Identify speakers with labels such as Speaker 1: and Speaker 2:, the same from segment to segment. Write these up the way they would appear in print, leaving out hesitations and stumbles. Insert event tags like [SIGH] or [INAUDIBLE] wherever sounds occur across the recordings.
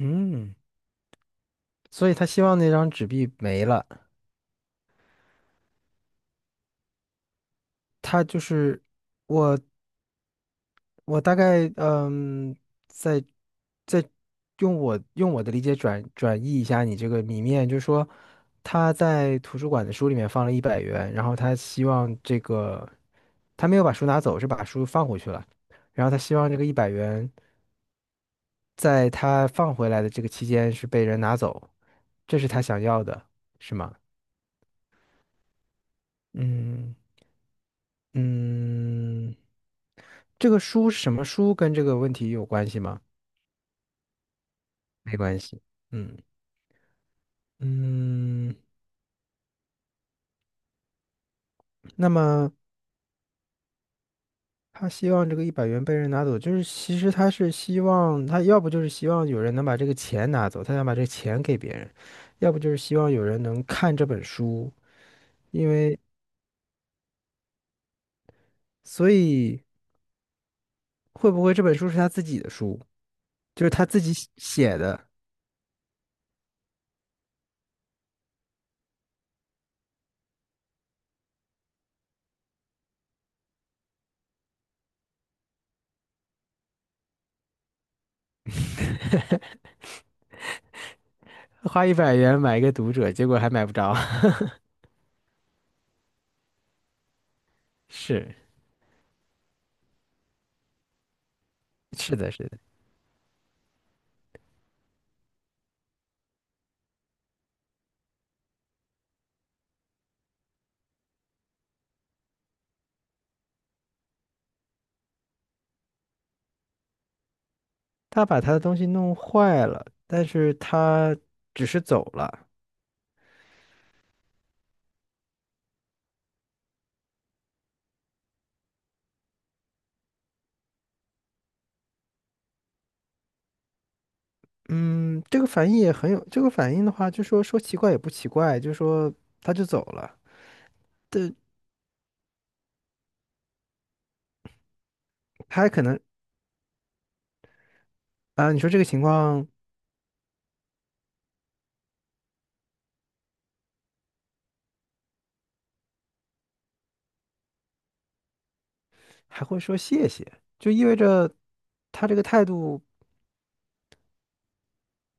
Speaker 1: 嗯，所以他希望那张纸币没了。他就是我，我大概在在用我的理解转译一下你这个谜面，就是说他在图书馆的书里面放了一百元，然后他希望这个他没有把书拿走，是把书放回去了，然后他希望这个一百元在他放回来的这个期间是被人拿走，这是他想要的，是吗？嗯。嗯，这个书是什么书跟这个问题有关系吗？没关系。嗯嗯，那么他希望这个一百元被人拿走，就是其实他是希望他要不就是希望有人能把这个钱拿走，他想把这个钱给别人，要不就是希望有人能看这本书，因为所以会不会这本书是他自己的书，就是他自己写的，花一百元买一个读者，结果还买不着。[LAUGHS] 是是的，是的。他把他的东西弄坏了，但是他只是走了。嗯，这个反应也很有，这个反应的话，就说奇怪也不奇怪，就说他就走了。对，他还可能啊，你说这个情况还会说谢谢，就意味着他这个态度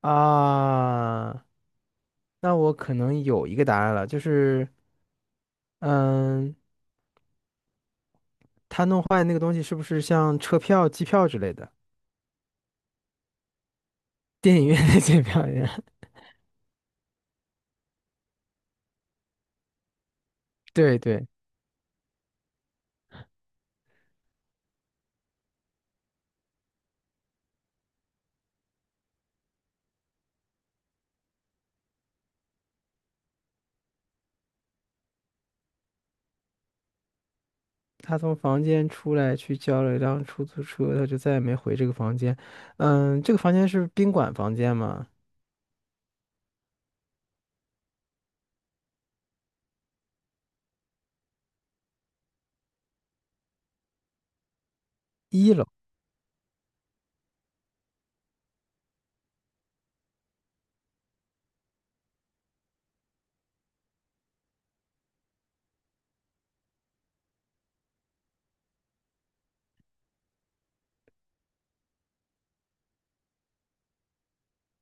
Speaker 1: 啊，那我可能有一个答案了，就是嗯，他弄坏那个东西是不是像车票、机票之类的，电影院的 [LAUGHS] 机票一样？[LAUGHS] 对对。他从房间出来去叫了一辆出租车，他就再也没回这个房间。嗯，这个房间是宾馆房间吗？一楼，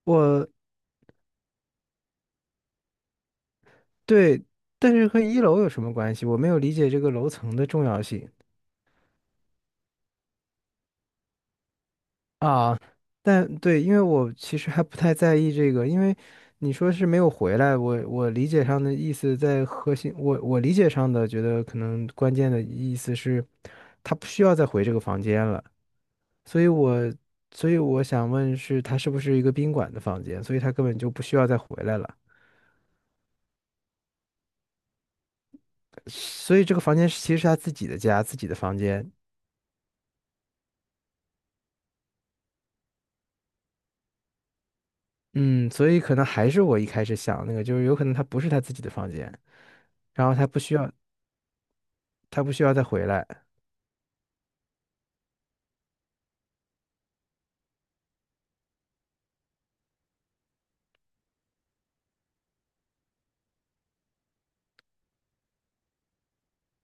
Speaker 1: 我对，但是和一楼有什么关系？我没有理解这个楼层的重要性啊。但对，因为我其实还不太在意这个，因为你说是没有回来，我理解上的意思在核心，我理解上的觉得可能关键的意思是，他不需要再回这个房间了。所以我所以我想问是，他是不是一个宾馆的房间？所以他根本就不需要再回来了。所以这个房间是其实是他自己的家，自己的房间。嗯，所以可能还是我一开始想那个，就是有可能他不是他自己的房间，然后他不需要再回来，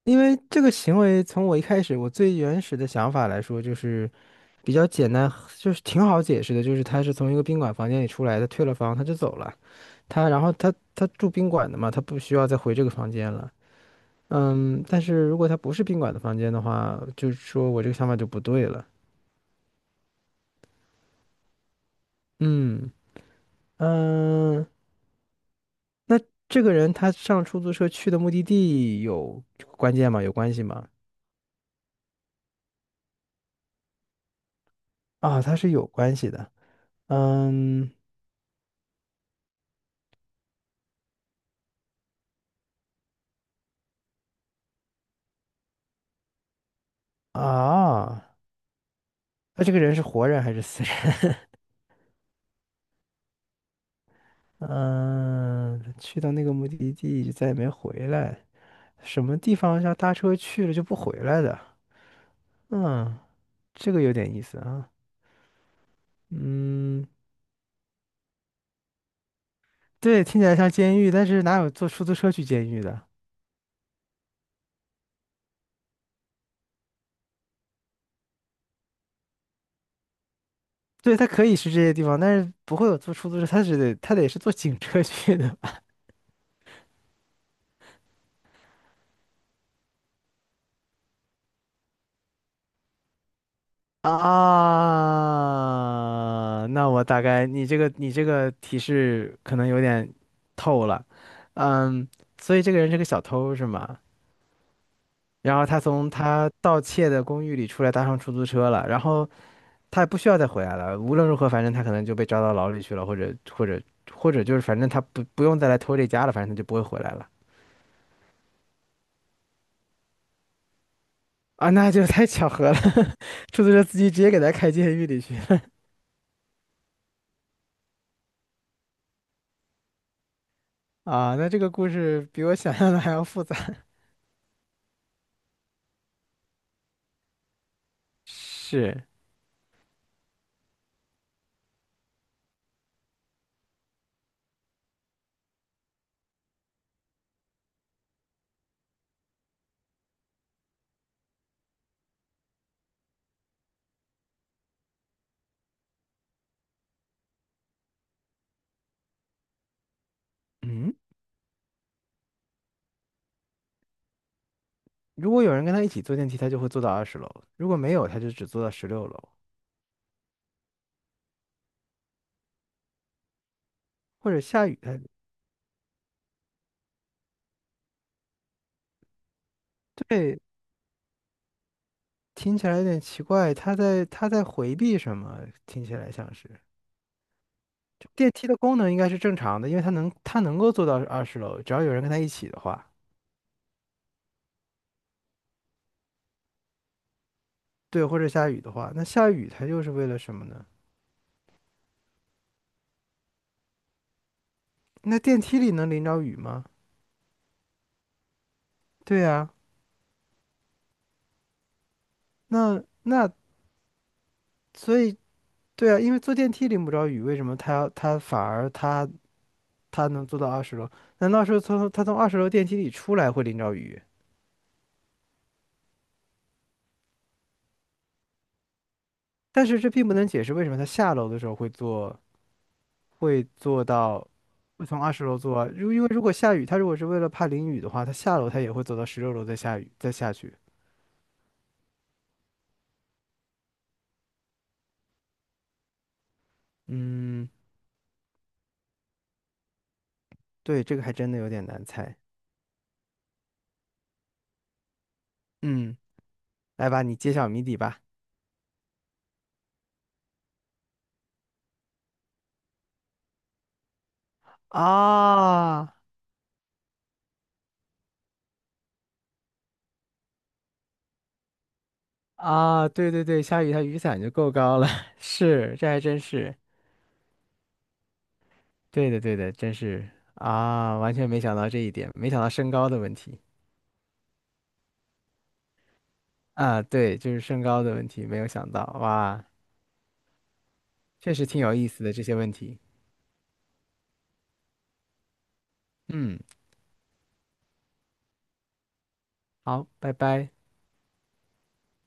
Speaker 1: 因为这个行为从我一开始我最原始的想法来说，就是比较简单，就是 [LAUGHS] 挺好解释的，就是他是从一个宾馆房间里出来的，退了房他就走了，他然后他住宾馆的嘛，他不需要再回这个房间了。嗯，但是如果他不是宾馆的房间的话，就是说我这个想法就不对了。嗯嗯，那这个人他上出租车去的目的地有关键吗？有关系吗？啊，他是有关系的。嗯啊，那这个人是活人还是死人？[LAUGHS] 嗯，他去到那个目的地就再也没回来，什么地方要搭车去了就不回来的？嗯，这个有点意思啊。嗯。对，听起来像监狱，但是哪有坐出租车去监狱的？对，他可以是这些地方，但是不会有坐出租车，他只得它得是坐警车去的吧？[LAUGHS] 啊，那我大概你这个提示可能有点透了，嗯，所以这个人是个小偷是吗？然后他从他盗窃的公寓里出来，搭上出租车了，然后他也不需要再回来了，无论如何，反正他可能就被抓到牢里去了，或者就是反正他不用再来偷这家了，反正他就不会回来了。啊，那就太巧合了，[LAUGHS] 出租车司机直接给他开监狱里去了 [LAUGHS] 啊！那这个故事比我想象的还要复杂。是，嗯，如果有人跟他一起坐电梯，他就会坐到二十楼；如果没有，他就只坐到十六楼。或者下雨，对，听起来有点奇怪，他在回避什么？听起来像是就电梯的功能应该是正常的，因为他能够坐到二十楼，只要有人跟他一起的话，对，或者下雨的话，那下雨他又是为了什么呢？那电梯里能淋着雨吗？对呀、那那所以对啊，因为坐电梯淋不着雨，为什么他反而他能坐到二十楼？难道是从他从二十楼电梯里出来会淋着雨？但是这并不能解释为什么他下楼的时候会坐到会从二十楼坐啊。如因为如果下雨，他如果是为了怕淋雨的话，他下楼他也会走到十六楼再下雨再下去。嗯，对，这个还真的有点难猜。嗯，来吧，你揭晓谜底吧。啊。啊，对对对，下雨它雨伞就够高了，[LAUGHS] 是，这还真是，对的对的，真是啊，完全没想到这一点，没想到身高的问题啊，对，就是身高的问题，没有想到，哇，确实挺有意思的这些问题，嗯，好，拜拜。